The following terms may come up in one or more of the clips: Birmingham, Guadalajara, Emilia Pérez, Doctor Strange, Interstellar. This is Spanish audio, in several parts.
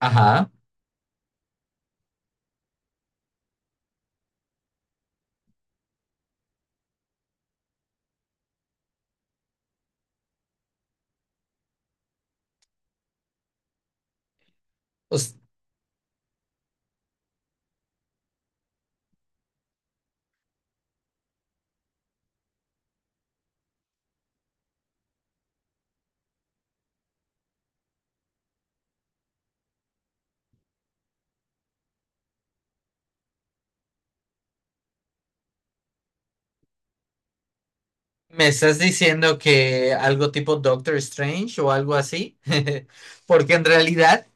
Ajá. Us- ¿Me estás diciendo que algo tipo Doctor Strange o algo así? Porque en realidad,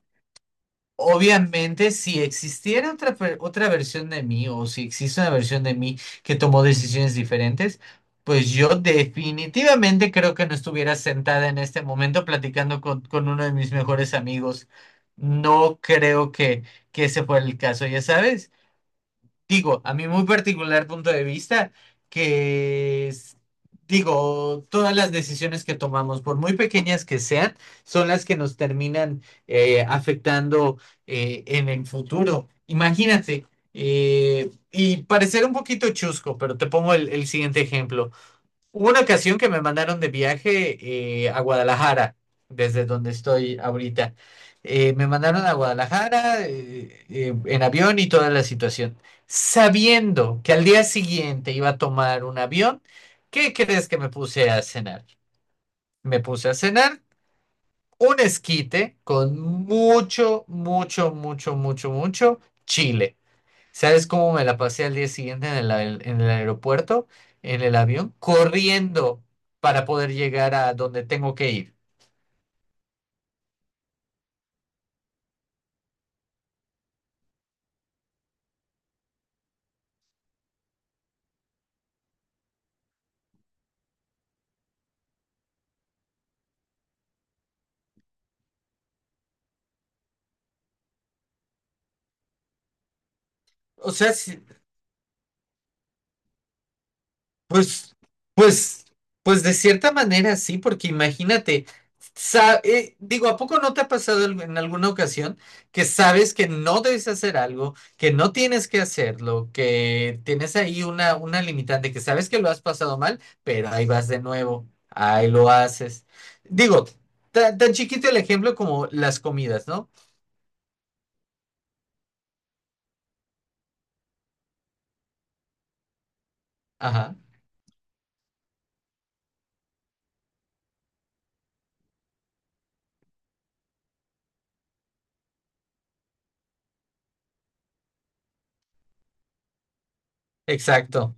obviamente, si existiera otra versión de mí, o si existe una versión de mí que tomó decisiones diferentes, pues yo definitivamente creo que no estuviera sentada en este momento platicando con uno de mis mejores amigos. No creo que ese fuera el caso, ya sabes. Digo, a mi muy particular punto de vista, que es- digo, todas las decisiones que tomamos, por muy pequeñas que sean, son las que nos terminan afectando en el futuro. Imagínate, y parecer un poquito chusco, pero te pongo el siguiente ejemplo. Hubo una ocasión que me mandaron de viaje a Guadalajara, desde donde estoy ahorita. Me mandaron a Guadalajara en avión y toda la situación, sabiendo que al día siguiente iba a tomar un avión. ¿Qué crees que me puse a cenar? Me puse a cenar un esquite con mucho, mucho, mucho, mucho, mucho chile. ¿Sabes cómo me la pasé al día siguiente en en el aeropuerto, en el avión, corriendo para poder llegar a donde tengo que ir? O sea, pues, pues, pues de cierta manera sí, porque imagínate, digo, ¿a poco no te ha pasado en alguna ocasión que sabes que no debes hacer algo, que no tienes que hacerlo, que tienes ahí una limitante, que sabes que lo has pasado mal, pero ahí vas de nuevo, ahí lo haces? Digo, tan chiquito el ejemplo como las comidas, ¿no? Ajá, exacto,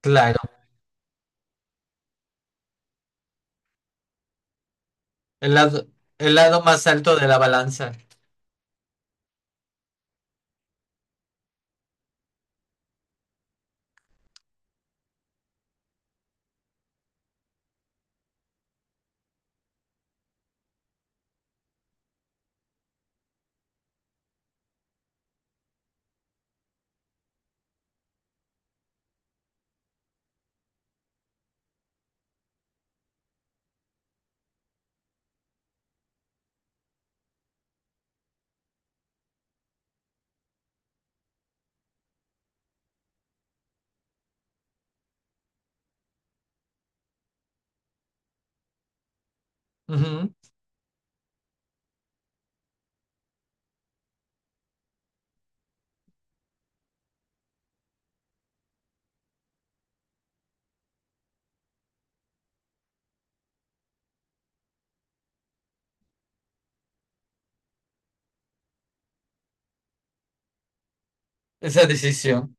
claro, el lado, el lado más alto de la balanza. Ujú. Esa decisión.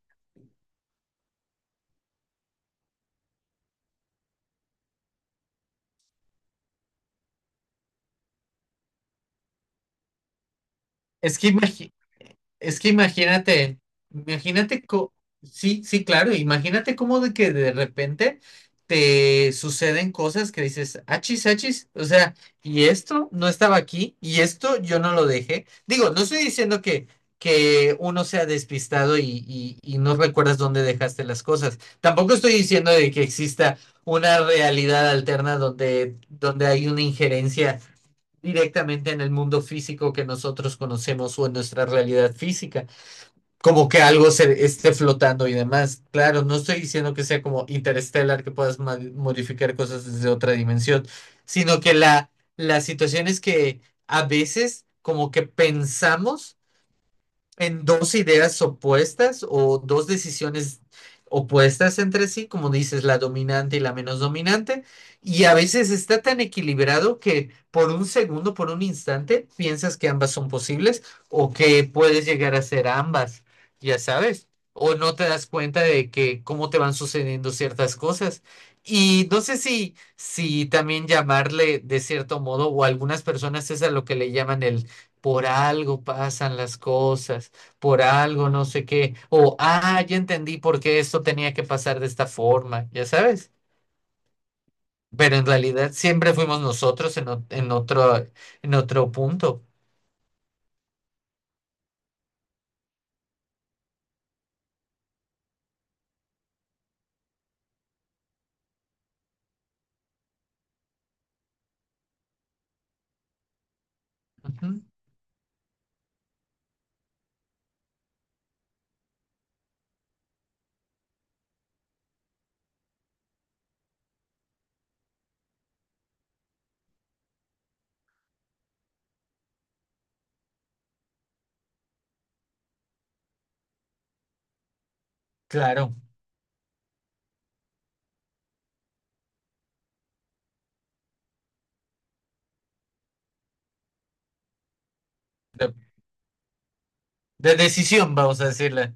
Es que imagi- es que imagínate, imagínate, co- sí, sí, claro, imagínate cómo de que de repente te suceden cosas que dices, achis, achis, o sea, y esto no estaba aquí, y esto yo no lo dejé. Digo, no estoy diciendo que uno sea despistado y no recuerdas dónde dejaste las cosas. Tampoco estoy diciendo de que exista una realidad alterna donde hay una injerencia directamente en el mundo físico que nosotros conocemos o en nuestra realidad física, como que algo se esté flotando y demás. Claro, no estoy diciendo que sea como interstellar, que puedas modificar cosas desde otra dimensión, sino que la situación es que a veces como que pensamos en dos ideas opuestas o dos decisiones opuestas entre sí, como dices, la dominante y la menos dominante, y a veces está tan equilibrado que por un segundo, por un instante, piensas que ambas son posibles o que puedes llegar a ser ambas, ya sabes, o no te das cuenta de que cómo te van sucediendo ciertas cosas. Y no sé si, si también llamarle de cierto modo, o algunas personas es a lo que le llaman el por algo pasan las cosas por algo, no sé qué, o, ah, ya entendí por qué esto tenía que pasar de esta forma, ya sabes, pero en realidad siempre fuimos nosotros en otro punto. Ujú. Claro, de, de decisión, vamos a decirle,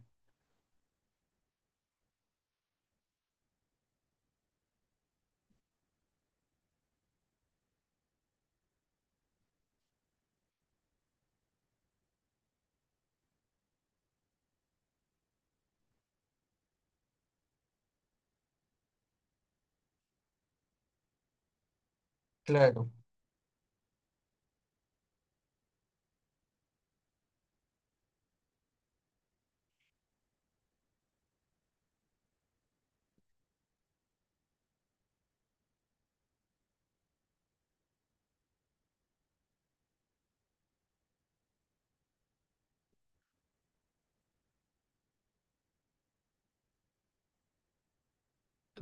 claro.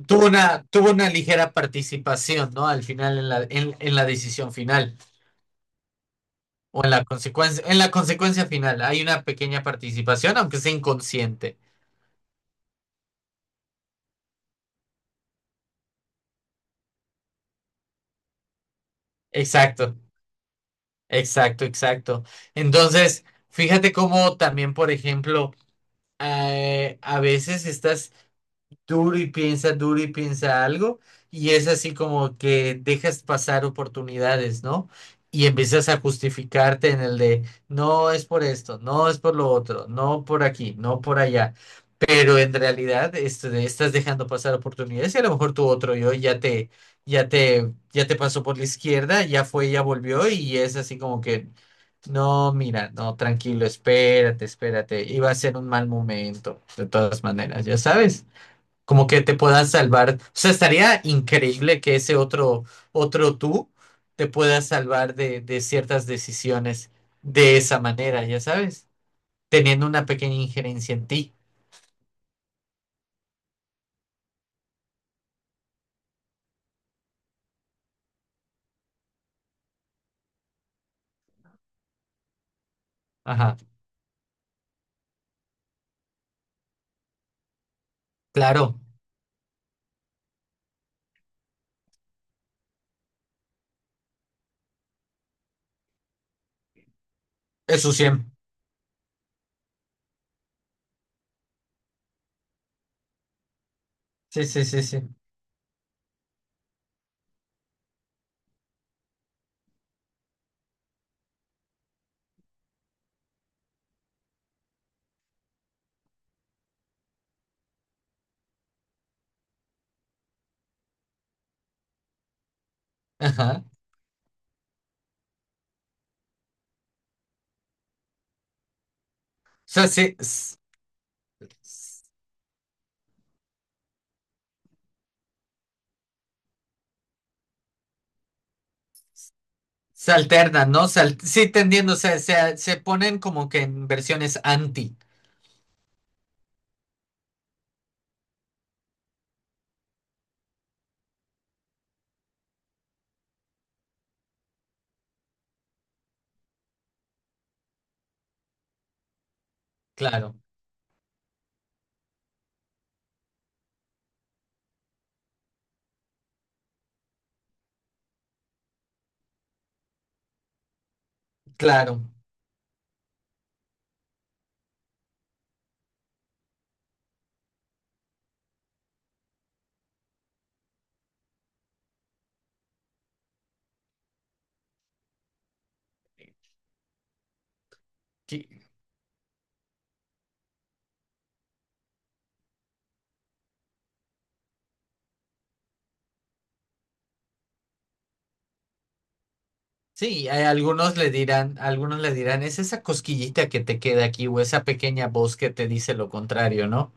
Tuvo una ligera participación, ¿no? Al final, en en la decisión final, o en la consecuencia final, hay una pequeña participación, aunque sea inconsciente. Exacto. Exacto, exacto. Entonces, fíjate cómo también, por ejemplo, a veces estás duro y piensa algo, y es así como que dejas pasar oportunidades, ¿no? Y empiezas a justificarte en el de, no es por esto, no es por lo otro, no por aquí, no por allá. Pero en realidad estás dejando pasar oportunidades y a lo mejor tu otro yo ya ya te pasó por la izquierda, ya fue, ya volvió y es así como que, no, mira, no, tranquilo, espérate, espérate, iba a ser un mal momento, de todas maneras, ya sabes, como que te puedas salvar, o sea, estaría increíble que ese otro tú te pueda salvar de ciertas decisiones de esa manera, ya sabes, teniendo una pequeña injerencia en ti. Ajá, claro. Eso siempre. Sí, sí, sí, sí. Ajá. O sea, s- se alternan, ¿no? Sí, te entiendo, se ponen como que en versiones anti. Claro, claro. Sí, sí, hay algunos le dirán, es esa cosquillita que te queda aquí o esa pequeña voz que te dice lo contrario, ¿no?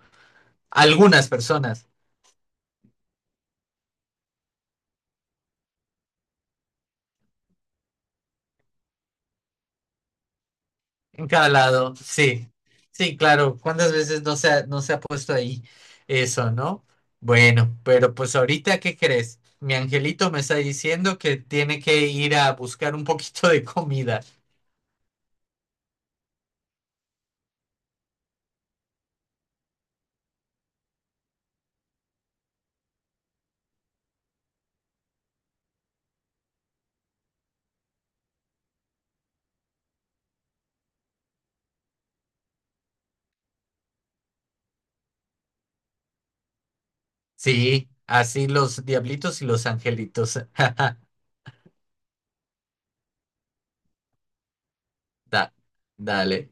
Algunas personas. En cada lado, sí, sí, claro, ¿cuántas veces no no se ha puesto ahí eso, no? Bueno, pero pues ahorita, ¿qué crees? Mi angelito me está diciendo que tiene que ir a buscar un poquito de comida. Sí, así los diablitos y los angelitos. Da- dale.